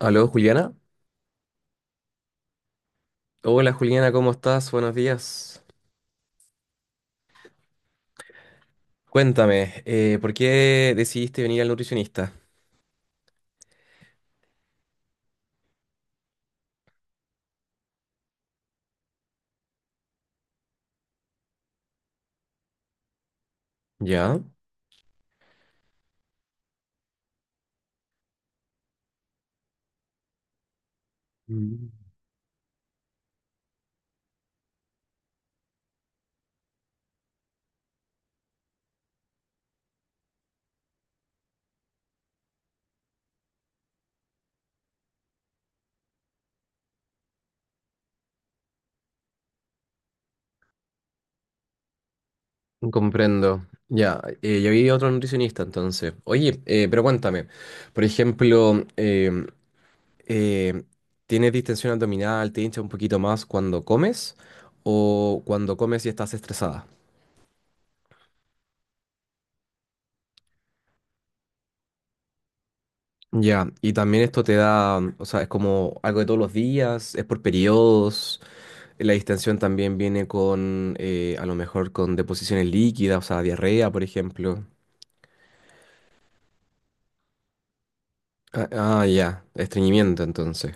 Aló, Juliana. Hola, Juliana, ¿cómo estás? Buenos días. Cuéntame, ¿por qué decidiste venir al nutricionista? Ya. Mm. Comprendo. Ya, yo vi otro nutricionista entonces. Oye, pero cuéntame, por ejemplo, eh, ¿tienes distensión abdominal? ¿Te hincha un poquito más cuando comes? ¿O cuando comes y estás estresada? Ya, y también esto te da, o sea, es como algo de todos los días, es por periodos. La distensión también viene con, a lo mejor, con deposiciones líquidas, o sea, diarrea, por ejemplo. Ah, ah, ya, estreñimiento entonces.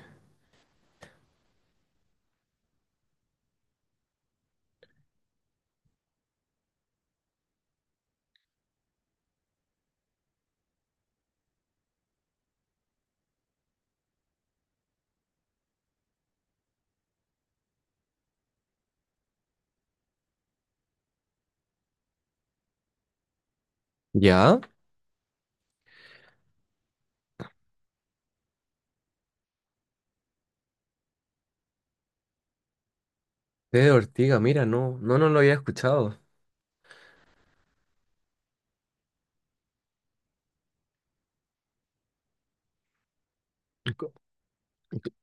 ¿Ya? Té de ortiga, mira, no, no, no lo había escuchado. Co- co-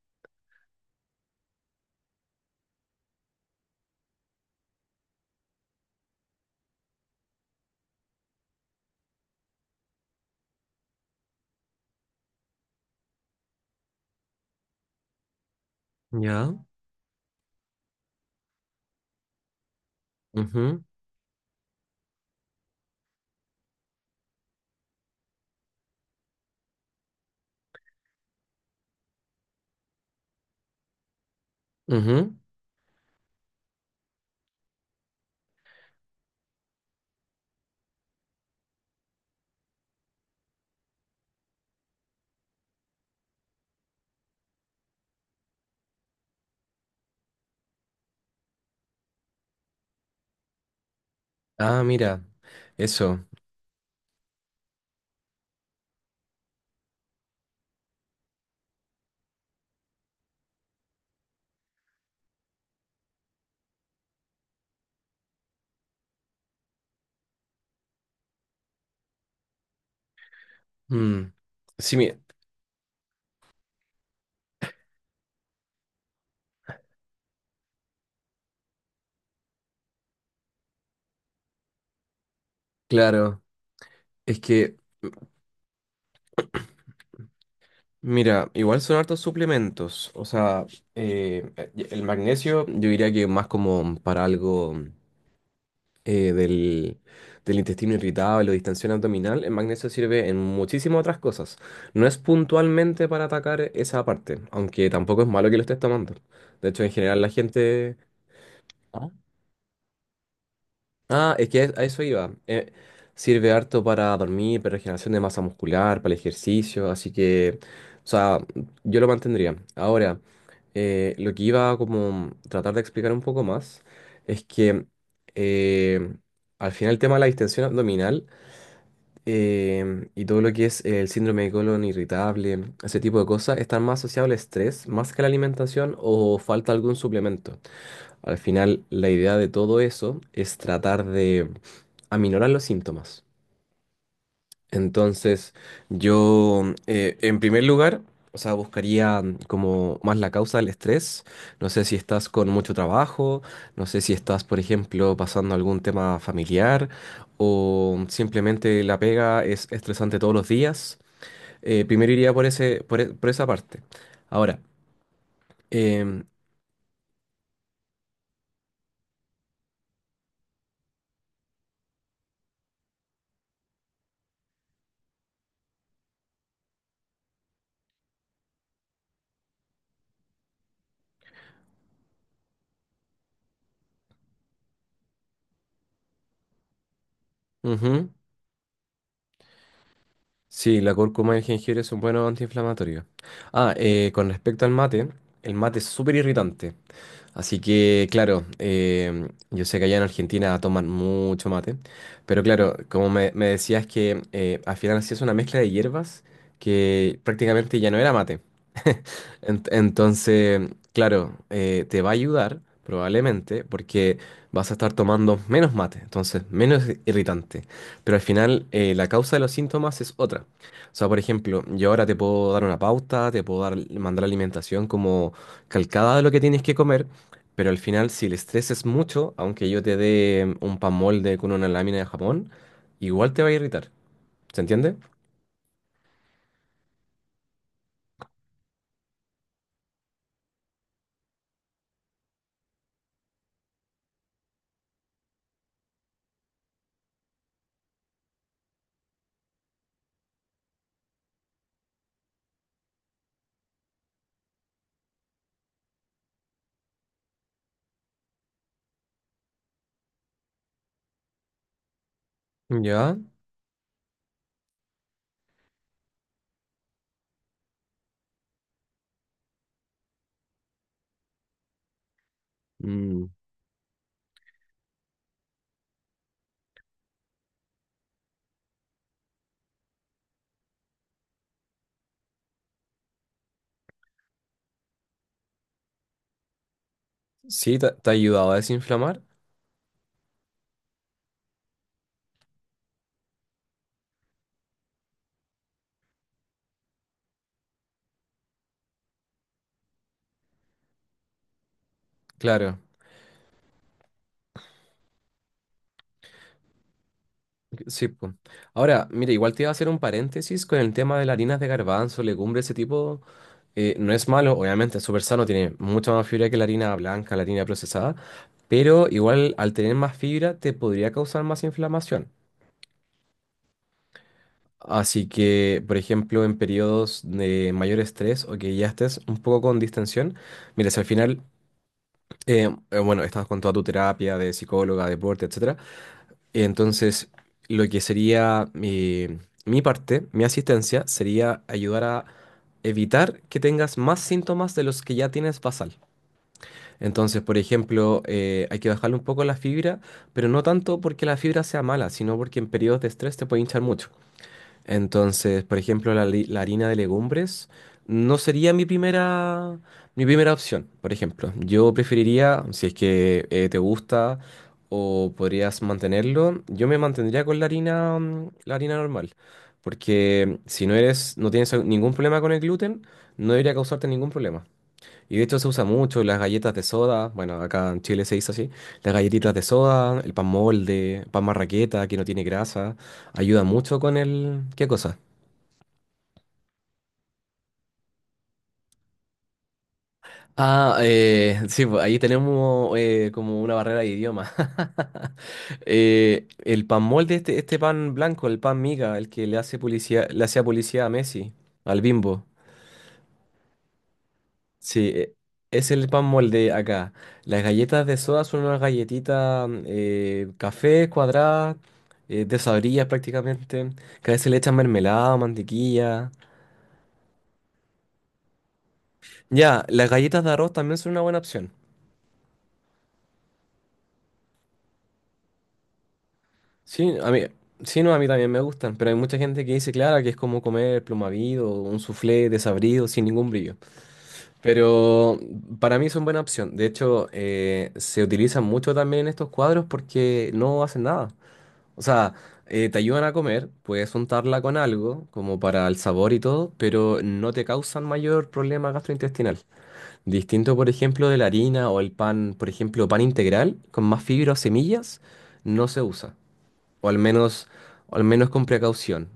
¿Ya? Ujú, ujú. Ah, mira, eso. Mm. Sí, mi- claro, es que, mira, igual son hartos suplementos, o sea, el magnesio yo diría que más como para algo... eh, del, del intestino irritable o distensión abdominal, el magnesio sirve en muchísimas otras cosas. No es puntualmente para atacar esa parte, aunque tampoco es malo que lo estés tomando. De hecho, en general la gente... ¿Ah? Ah, es que a eso iba. Sirve harto para dormir, para regeneración de masa muscular, para el ejercicio, así que, o sea, yo lo mantendría. Ahora, lo que iba a como tratar de explicar un poco más es que eh, al final el tema de la distensión abdominal y todo lo que es el síndrome de colon irritable, ese tipo de cosas, están más asociados al estrés, más que a la alimentación o falta algún suplemento. Al final, la idea de todo eso es tratar de aminorar los síntomas. Entonces, yo, en primer lugar, o sea, buscaría como más la causa del estrés. No sé si estás con mucho trabajo, no sé si estás, por ejemplo, pasando algún tema familiar o simplemente la pega es estresante todos los días. Primero iría por ese, por esa parte. Ahora, em, ujú, sí, la cúrcuma y el jengibre son buenos antiinflamatorios. Ah, con respecto al mate, el mate es súper irritante. Así que, claro, yo sé que allá en Argentina toman mucho mate, pero claro, me decías que al final hacías una mezcla de hierbas que prácticamente ya no era mate. Entonces, claro, te va a ayudar probablemente porque vas a estar tomando menos mate, entonces menos irritante. Pero al final la causa de los síntomas es otra. O sea, por ejemplo, yo ahora te puedo dar una pauta, te puedo dar, mandar alimentación como calcada de lo que tienes que comer, pero al final si el estrés es mucho, aunque yo te dé un pan molde con una lámina de jamón, igual te va a irritar. ¿Se entiende? Ya. Mm. Sí, te ha ayudado a desinflamar. Claro. Sí, pues. Ahora, mira, igual te iba a hacer un paréntesis con el tema de las harinas de garbanzo, legumbre, ese tipo. No es malo, obviamente, es súper sano, tiene mucha más fibra que la harina blanca, la harina procesada, pero igual al tener más fibra te podría causar más inflamación. Así que, por ejemplo, en periodos de mayor estrés o que ya estés un poco con distensión, mira, si al final, bueno, estás con toda tu terapia de psicóloga, deporte, etcétera. Entonces, lo que sería mi parte, mi asistencia, sería ayudar a evitar que tengas más síntomas de los que ya tienes basal. Entonces, por ejemplo, hay que bajarle un poco la fibra, pero no tanto porque la fibra sea mala, sino porque en periodos de estrés te puede hinchar mucho. Entonces, por ejemplo, la harina de legumbres no sería mi primera opción, por ejemplo. Yo preferiría, si es que te gusta o podrías mantenerlo, yo me mantendría con la harina, la harina normal. Porque si no eres, no tienes ningún problema con el gluten, no debería causarte ningún problema. Y de hecho se usa mucho las galletas de soda, bueno, acá en Chile se dice así, las galletitas de soda, el pan molde, pan marraqueta que no tiene grasa, ayuda mucho con el... ¿Qué cosa? Ah, sí, pues ahí tenemos como una barrera de idioma. El pan molde, este pan blanco, el pan miga, el que le hace publicidad, le hacía publicidad a Messi, al Bimbo. Sí, e- es el pan molde acá. Las galletas de soda son unas galletitas café cuadradas, desabridas prácticamente, que a veces le echan mermelada o mantequilla. Ya, las galletas de arroz también son una buena opción. Sí, a mí, sí, no, a mí también me gustan, pero hay mucha gente que dice, claro, que es como comer plumavido, un soufflé desabrido, sin ningún brillo. Pero para mí son buena opción. De hecho, se utilizan mucho también en estos cuadros porque no hacen nada. O sea, te ayudan a comer, puedes untarla con algo, como para el sabor y todo, pero no te causan mayor problema gastrointestinal. Distinto, por ejemplo, de la harina o el pan, por ejemplo, pan integral con más fibra o semillas, no se usa. O al menos, o al menos con precaución.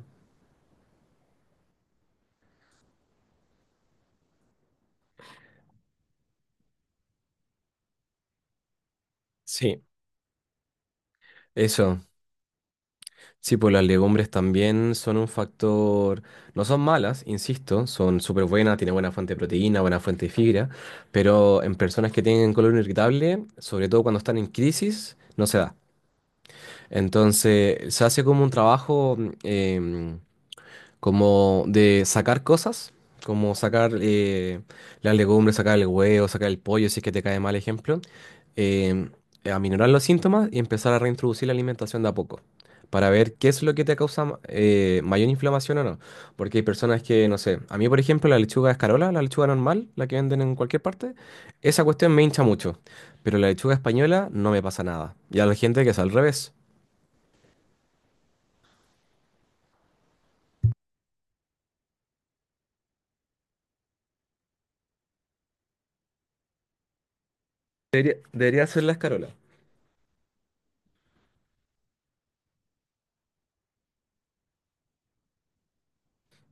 Sí. Eso. Sí, pues las legumbres también son un factor, no son malas, insisto, son súper buenas, tienen buena fuente de proteína, buena fuente de fibra, pero en personas que tienen colon irritable, sobre todo cuando están en crisis, no se da. Entonces, se hace como un trabajo em, como de sacar cosas, como sacar las legumbres, sacar el huevo, sacar el pollo, si es que te cae mal ejemplo, eh, aminorar los síntomas y empezar a reintroducir la alimentación de a poco. Para ver qué es lo que te causa mayor inflamación o no. Porque hay personas que, no sé, a mí por ejemplo la lechuga escarola, la lechuga normal, la que venden en cualquier parte, esa cuestión me hincha mucho. Pero la lechuga española no me pasa nada. Y a la gente que es al revés. Debería, debería ser la escarola.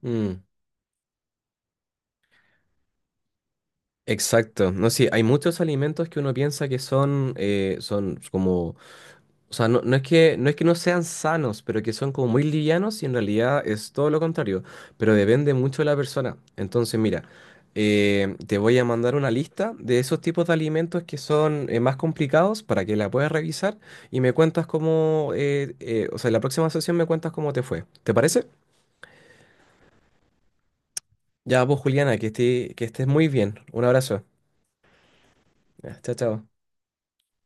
Mm. Exacto, no sí, hay muchos alimentos que uno piensa que son, son como, o sea, no es que, no es que no sean sanos, pero que son como muy livianos y en realidad es todo lo contrario, pero depende mucho de la persona. Entonces, mira, te voy a mandar una lista de esos tipos de alimentos que son más complicados para que la puedas revisar y me cuentas cómo, o sea, en la próxima sesión me cuentas cómo te fue. ¿Te parece? Ya vos, Juliana, que estés muy bien. Un abrazo. Ya, chao, chao.